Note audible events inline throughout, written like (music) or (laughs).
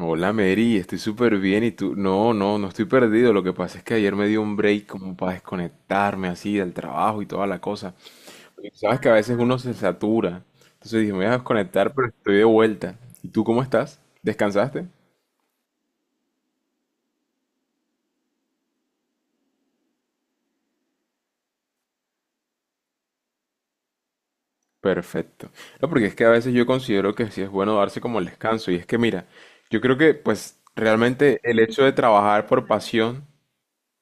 Hola Mary, estoy súper bien y tú, no, no, no estoy perdido. Lo que pasa es que ayer me dio un break como para desconectarme así del trabajo y toda la cosa. Porque sabes que a veces uno se satura. Entonces dije, me voy a desconectar, pero estoy de vuelta. ¿Y tú cómo estás? ¿Descansaste? Perfecto. No, porque es que a veces yo considero que sí es bueno darse como el descanso. Y es que mira, yo creo que pues realmente el hecho de trabajar por pasión.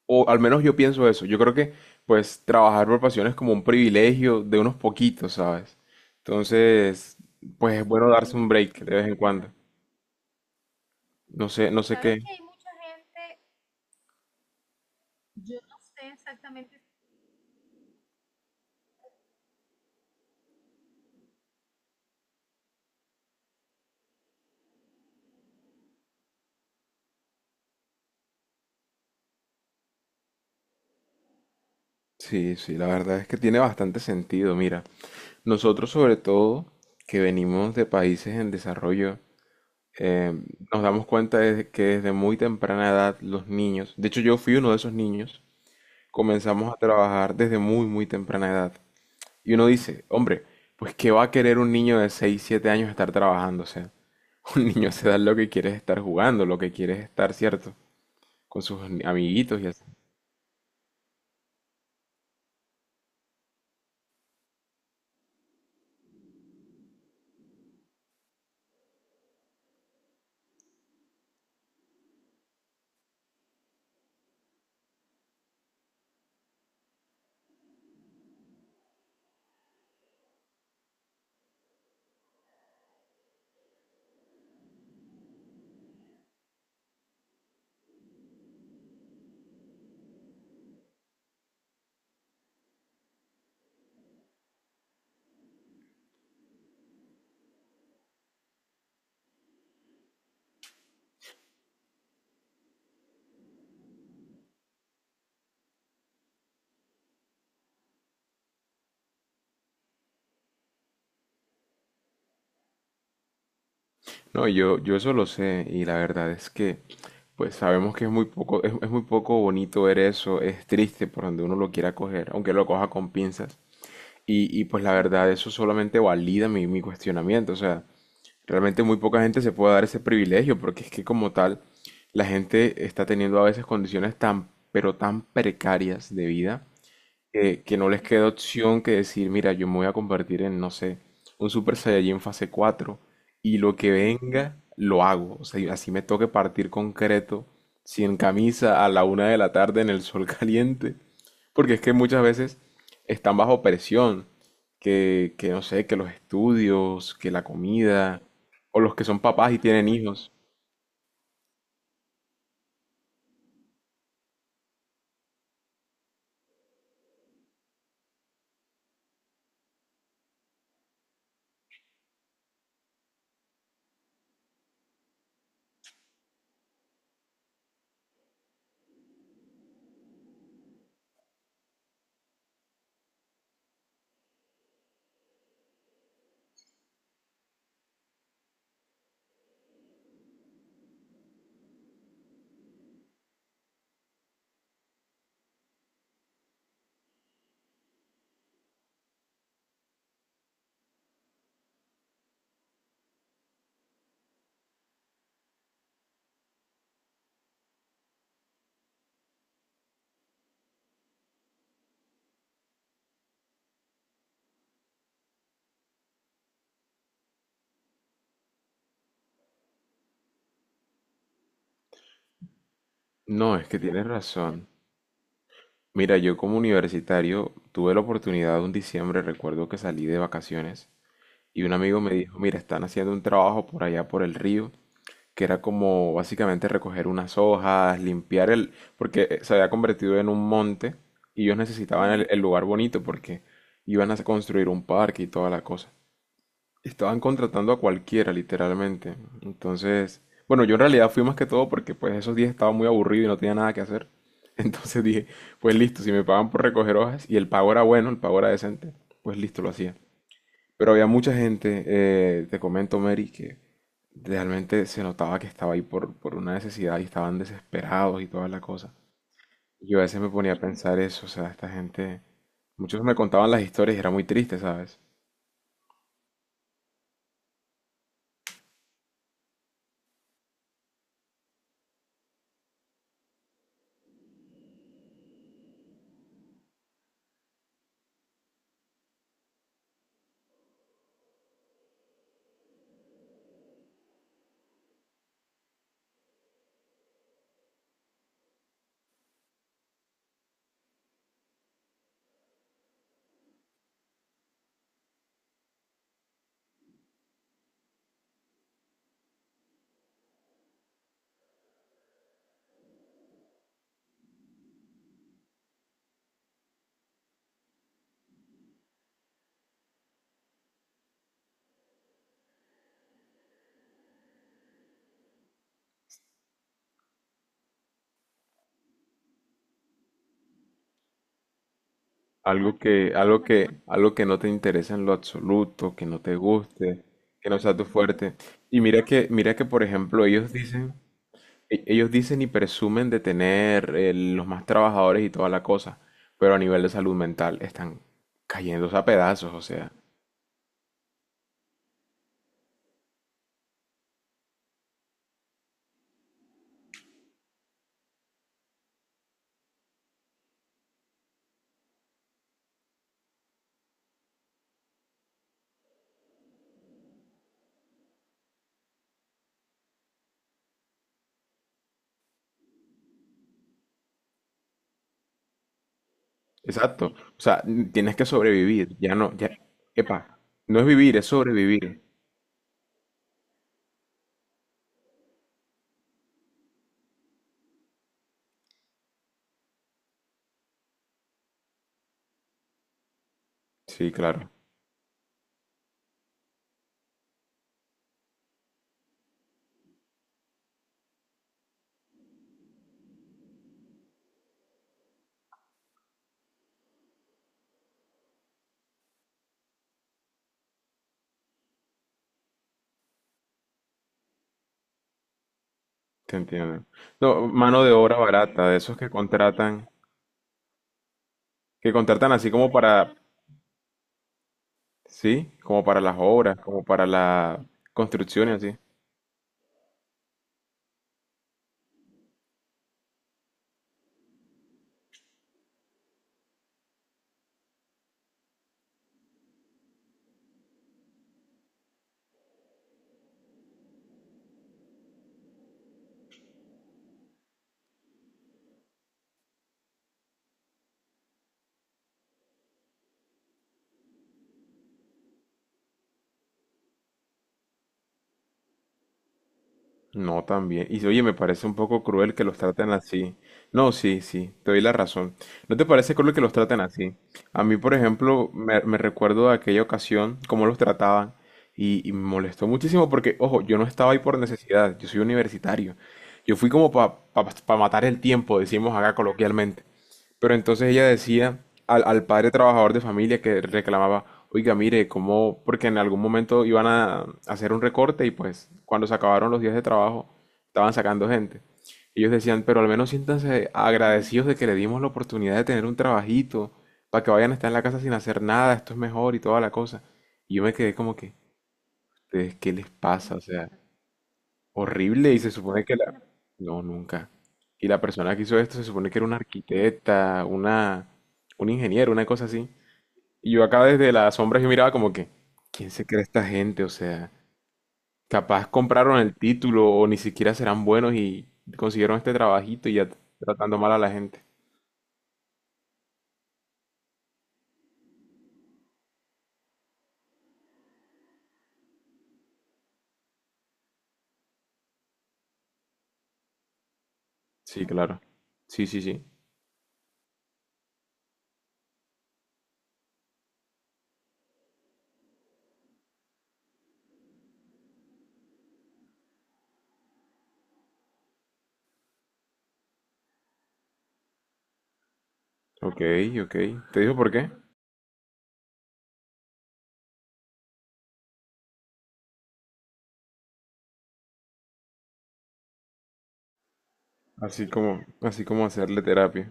O al menos yo pienso eso. Yo creo que, pues, trabajar por pasión es como un privilegio de unos poquitos, ¿sabes? Entonces, pues es bueno darse un break de vez en cuando. No sé, no sé qué. Sí, sí, la verdad es que tiene bastante sentido. Mira, nosotros sobre todo que venimos de países en desarrollo, eh, nos damos cuenta de que desde muy temprana edad los niños, de hecho yo fui uno de esos niños, comenzamos a trabajar desde muy, muy temprana edad. Y uno dice, hombre, pues ¿qué va a querer un niño de 6 7 años estar trabajando? O sea, (laughs) un niño se da lo que quiere es estar jugando, lo que quiere es estar, ¿cierto? Con sus amiguitos y así. No, yo eso lo sé y la verdad es que, pues sabemos que es muy poco, es muy poco bonito ver eso, es triste por donde uno lo quiera coger, aunque lo coja con pinzas. Y pues la verdad, eso solamente valida mi cuestionamiento. O sea, realmente muy poca gente se puede dar ese privilegio porque es que como tal la gente está teniendo a veces condiciones tan, pero tan precarias de vida que no les queda opción que decir, mira, yo me voy a convertir en, no sé, un Super Saiyajin fase 4 y lo que venga, lo hago. O sea, y así me toque partir concreto, sin camisa, a la 1 de la tarde en el sol (laughs) caliente. Porque es que muchas veces están bajo presión, que no sé, que los estudios, que la comida, o los que son papás y tienen hijos. No, es que tienes razón. Mira, yo como universitario tuve la oportunidad un diciembre, recuerdo que salí de vacaciones y un amigo me dijo, mira, están haciendo un trabajo por allá por el río, que era como básicamente recoger unas hojas, limpiar el, porque se había convertido en un monte y ellos necesitaban el lugar bonito porque iban a construir un parque y toda la cosa. Estaban contratando a cualquiera, literalmente. Entonces, bueno, yo en realidad fui más que todo porque pues esos días estaba muy aburrido y no tenía nada que hacer. (laughs) Entonces dije, pues listo, si me pagan por recoger hojas y el pago era bueno, el pago era decente, pues listo, lo hacía. Pero había mucha gente, te comento, Mary, que realmente se notaba que estaba ahí por una necesidad y estaban desesperados y toda la cosa. Yo a veces me ponía a pensar eso, o sea, esta gente, muchos me contaban las historias y era muy triste, ¿sabes? Algo que no te interesa en lo absoluto, que no te guste, que no sea tu fuerte. Y mira que, por ejemplo, ellos dicen, ellos dicen y presumen de tener los más trabajadores y toda la cosa, pero a nivel de salud mental están cayéndose a pedazos, o sea, exacto. O sea, tienes que sobrevivir, ya no, ya, epa, no es vivir, es sobrevivir. Sí, claro, te entiendo. No, mano de obra barata, de esos que contratan así como para, sí, como para las obras, como para la construcción y así. No, también. Y oye, me parece un poco cruel que los traten así. No, sí, sí, te doy la razón. ¿No te parece cruel que los traten así? A mí, por ejemplo, me recuerdo de aquella ocasión, cómo los trataban, y me molestó muchísimo porque, ojo, yo no estaba ahí por necesidad, yo soy universitario. Yo fui como para matar el tiempo, decimos acá coloquialmente. Pero entonces ella decía al, al padre trabajador de familia que reclamaba, oiga, mire, cómo, porque en algún momento iban a hacer un recorte y pues cuando se acabaron los días de trabajo estaban sacando gente. Ellos decían, pero al menos siéntanse agradecidos de que le dimos la oportunidad de tener un trabajito, para que vayan a estar en la casa sin hacer nada, esto es mejor y toda la cosa. Y yo me quedé como que, "¿Ustedes qué les pasa?". O sea, horrible, y se supone que la... No, nunca. Y la persona que hizo esto se supone que era una arquitecta, una, un ingeniero, una cosa así. Y yo acá desde las sombras yo miraba como que, ¿quién se cree esta gente? O sea, capaz compraron el título o ni siquiera serán buenos y consiguieron este trabajito y ya tratando mal a la gente. Sí, claro. Sí, sí, sí. Ok, ok. ¿Te dijo por qué? Así como hacerle terapia.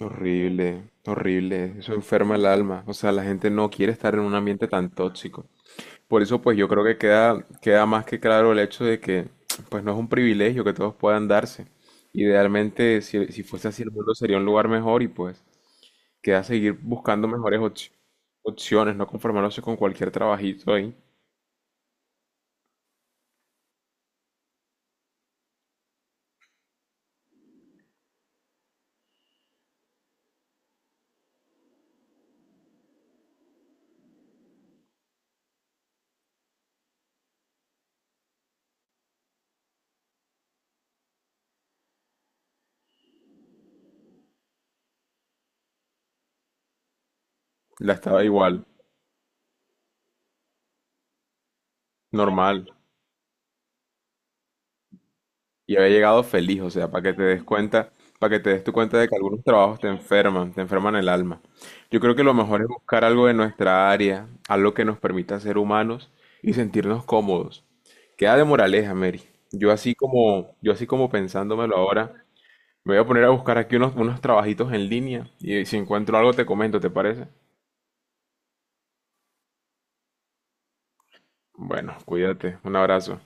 Horrible, horrible, eso enferma el alma, o sea, la gente no quiere estar en un ambiente tan tóxico. Por eso, pues yo creo que queda, queda más que claro el hecho de que, pues no es un privilegio que todos puedan darse. Idealmente, si fuese así, el mundo sería un lugar mejor y pues queda seguir buscando mejores opciones, no conformarse con cualquier trabajito ahí. La estaba igual, normal. Y había llegado feliz, o sea, para que te des cuenta, para que te des tu cuenta de que algunos trabajos te enferman el alma. Yo creo que lo mejor es buscar algo de nuestra área, algo que nos permita ser humanos y sentirnos cómodos. Queda de moraleja, Mary. Yo así como pensándomelo ahora, me voy a poner a buscar aquí unos, unos trabajitos en línea y si encuentro algo te comento, ¿te parece? Bueno, cuídate, un abrazo.